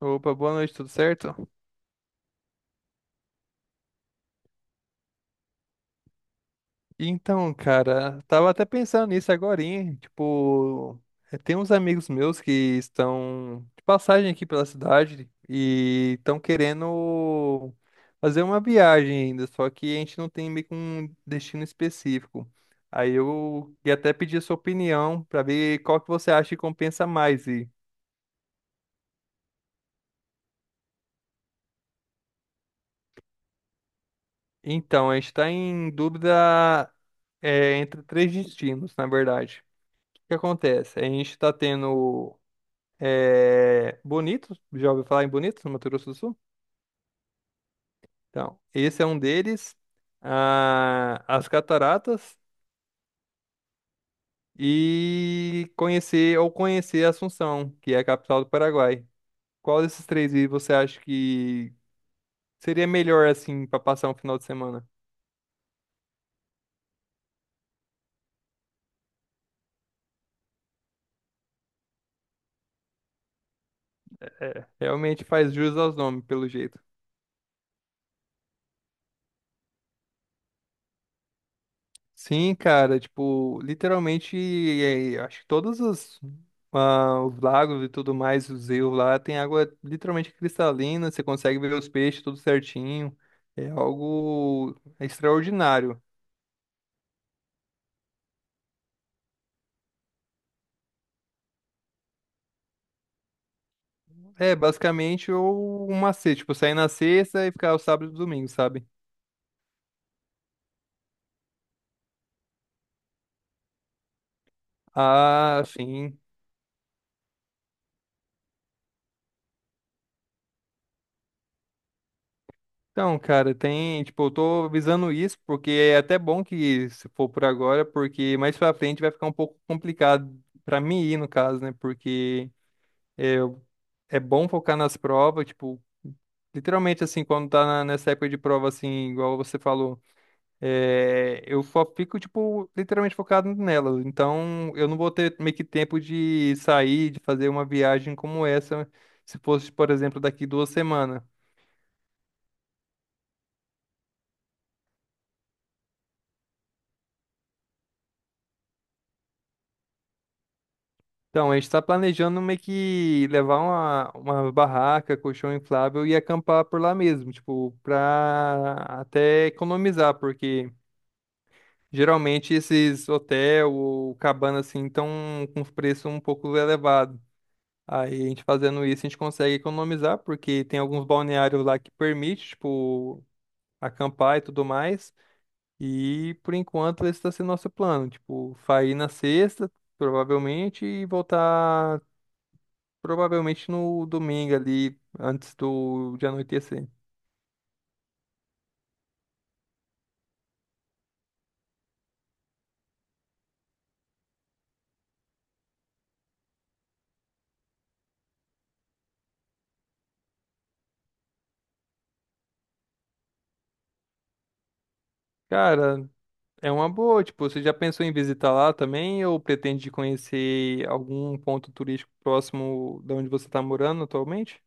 Opa, boa noite, tudo certo? Então, cara, tava até pensando nisso agorinha, tipo, tem uns amigos meus que estão de passagem aqui pela cidade e estão querendo fazer uma viagem ainda, só que a gente não tem meio que um destino específico. Aí eu ia até pedir a sua opinião pra ver qual que você acha que compensa mais ir. Então, a gente está em dúvida, é entre três destinos, na verdade. O que acontece? A gente está tendo É... Bonito, já ouviu falar em Bonito, no Mato Grosso do Sul? Então, esse é um deles. Ah, as cataratas e conhecer ou conhecer Assunção, que é a capital do Paraguai. Qual desses três aí você acha que seria melhor assim para passar um final de semana? Realmente faz jus aos nomes, pelo jeito. Sim, cara, tipo, literalmente, é, acho que todos os, ah, os lagos e tudo mais, os rios lá, tem água literalmente cristalina, você consegue ver os peixes tudo certinho, é algo extraordinário. É, basicamente, um macete, tipo, sair na sexta e ficar o sábado e domingo, sabe? Ah, sim. Então, cara, tem, tipo, eu tô visando isso porque é até bom que se for por agora, porque mais pra frente vai ficar um pouco complicado pra mim ir, no caso, né? Porque é bom focar nas provas, tipo, literalmente assim, quando tá nessa época de prova, assim, igual você falou, é, eu só fico, tipo, literalmente focado nela. Então, eu não vou ter meio que tempo de sair, de fazer uma viagem como essa, se fosse, por exemplo, daqui 2 semanas. Então, a gente está planejando meio que levar uma, barraca, colchão inflável e acampar por lá mesmo, tipo, pra até economizar, porque. Geralmente esses hotel ou cabana assim estão com os preços um pouco elevados. Aí a gente fazendo isso, a gente consegue economizar, porque tem alguns balneários lá que permite, tipo, acampar e tudo mais. E por enquanto esse está sendo nosso plano, tipo, sair na sexta, provavelmente, e voltar provavelmente no domingo ali, antes do de anoitecer. Cara, é uma boa, tipo, você já pensou em visitar lá também ou pretende conhecer algum ponto turístico próximo da onde você está morando atualmente?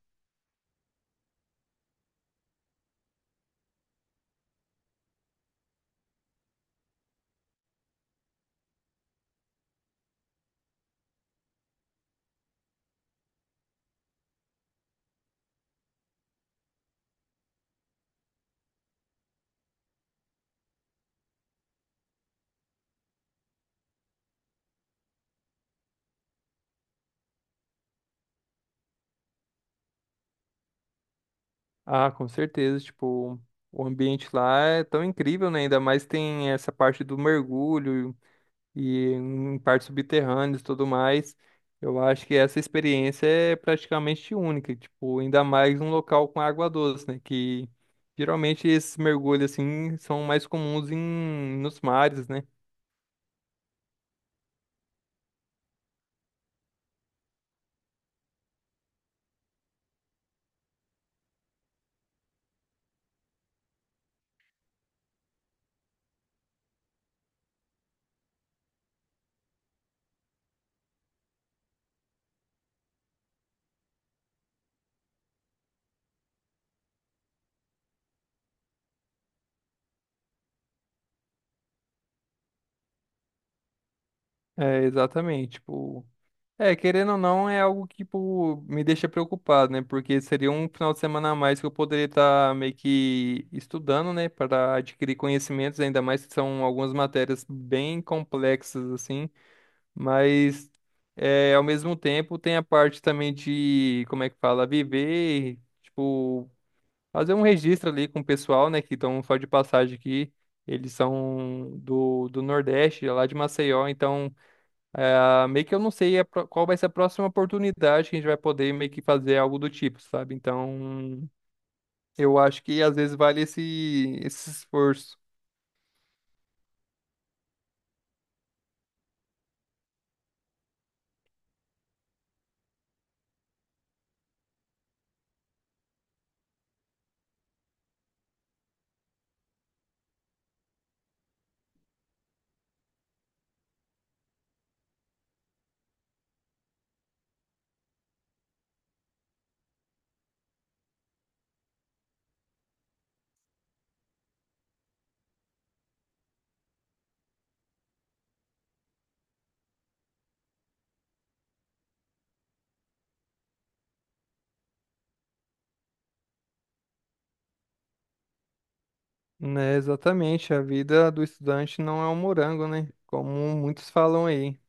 Ah, com certeza, tipo, o ambiente lá é tão incrível, né? Ainda mais tem essa parte do mergulho e em partes subterrâneas e tudo mais. Eu acho que essa experiência é praticamente única, tipo, ainda mais um local com água doce, né? Que geralmente esses mergulhos assim são mais comuns em nos mares, né? É, exatamente, tipo, é, querendo ou não, é algo que, tipo, me deixa preocupado, né? Porque seria um final de semana a mais que eu poderia estar meio que estudando, né? Para adquirir conhecimentos, ainda mais que são algumas matérias bem complexas, assim. Mas, é, ao mesmo tempo, tem a parte também de, como é que fala, viver, tipo, fazer um registro ali com o pessoal, né? Que estão só de passagem aqui. Eles são do Nordeste, lá de Maceió, então. É, meio que eu não sei a qual vai ser a próxima oportunidade que a gente vai poder meio que fazer algo do tipo, sabe? Então, eu acho que às vezes vale esse, esforço. Né, exatamente. A vida do estudante não é um morango, né? Como muitos falam aí.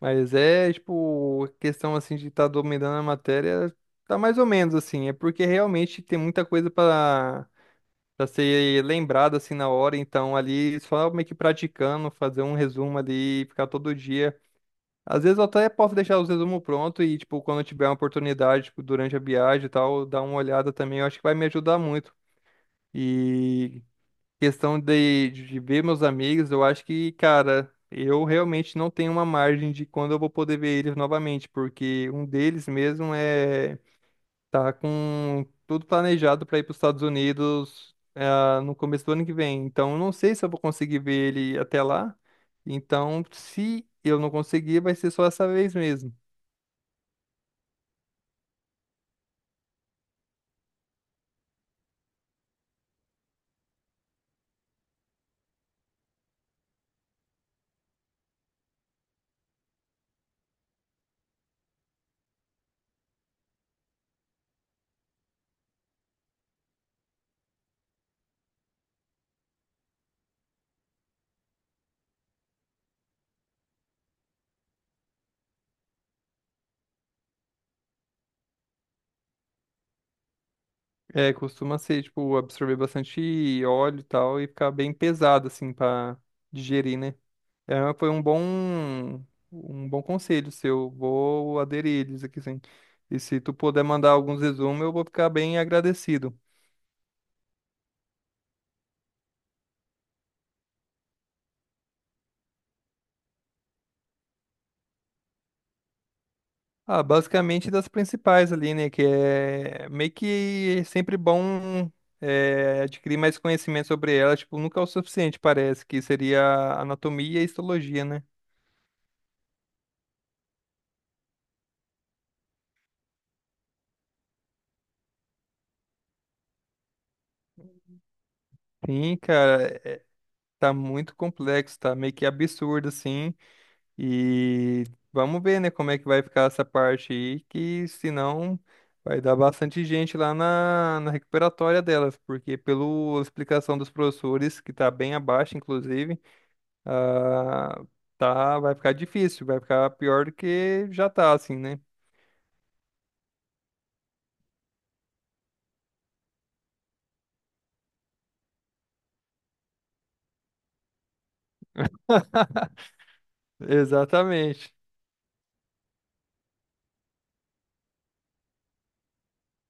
Mas é, tipo, questão assim de estar dominando a matéria, tá mais ou menos assim. É porque realmente tem muita coisa para ser lembrada assim na hora, então ali só meio que praticando, fazer um resumo ali, ficar todo dia. Às vezes eu até posso deixar os resumos prontos e, tipo, quando eu tiver uma oportunidade, tipo, durante a viagem e tal, dar uma olhada também, eu acho que vai me ajudar muito. E questão de, ver meus amigos, eu acho que, cara, eu realmente não tenho uma margem de quando eu vou poder ver eles novamente, porque um deles mesmo é tá com tudo planejado para ir para os Estados Unidos, ah, no começo do ano que vem. Então, eu não sei se eu vou conseguir ver ele até lá. Então, se eu não conseguir, vai ser só essa vez mesmo. É, costuma ser, tipo, absorver bastante óleo e tal e ficar bem pesado, assim, pra digerir, né? É, foi um bom conselho seu. Vou aderir eles aqui, sim. E se tu puder mandar alguns resumos, eu vou ficar bem agradecido. Ah, basicamente das principais ali, né? Que é meio que é sempre bom é, adquirir mais conhecimento sobre elas. Tipo, nunca é o suficiente, parece, que seria anatomia e histologia, né? Sim, cara. Tá muito complexo, tá meio que absurdo, assim. E vamos ver, né, como é que vai ficar essa parte aí, que senão vai dar bastante gente lá na recuperatória delas, porque pela explicação dos professores, que tá bem abaixo, inclusive, ah, tá, vai ficar difícil, vai ficar pior do que já tá, assim, né? Exatamente.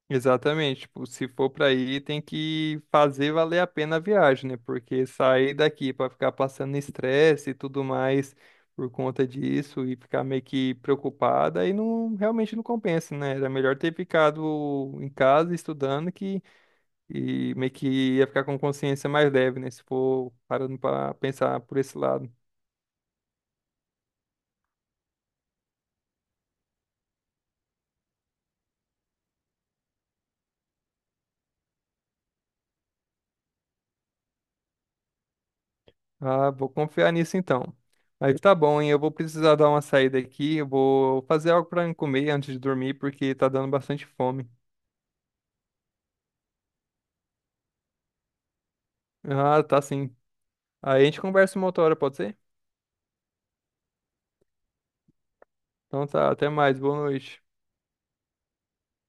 Exatamente, tipo, se for para ir, tem que fazer valer a pena a viagem, né? Porque sair daqui para ficar passando estresse e tudo mais por conta disso e ficar meio que preocupada, aí não realmente não compensa, né? Era melhor ter ficado em casa estudando que e meio que ia ficar com consciência mais leve, né? Se for parando para pensar por esse lado. Ah, vou confiar nisso então. Mas tá bom, hein? Eu vou precisar dar uma saída aqui. Eu vou fazer algo pra comer antes de dormir, porque tá dando bastante fome. Ah, tá sim. Aí a gente conversa uma outra hora, pode ser? Então tá, até mais. Boa noite.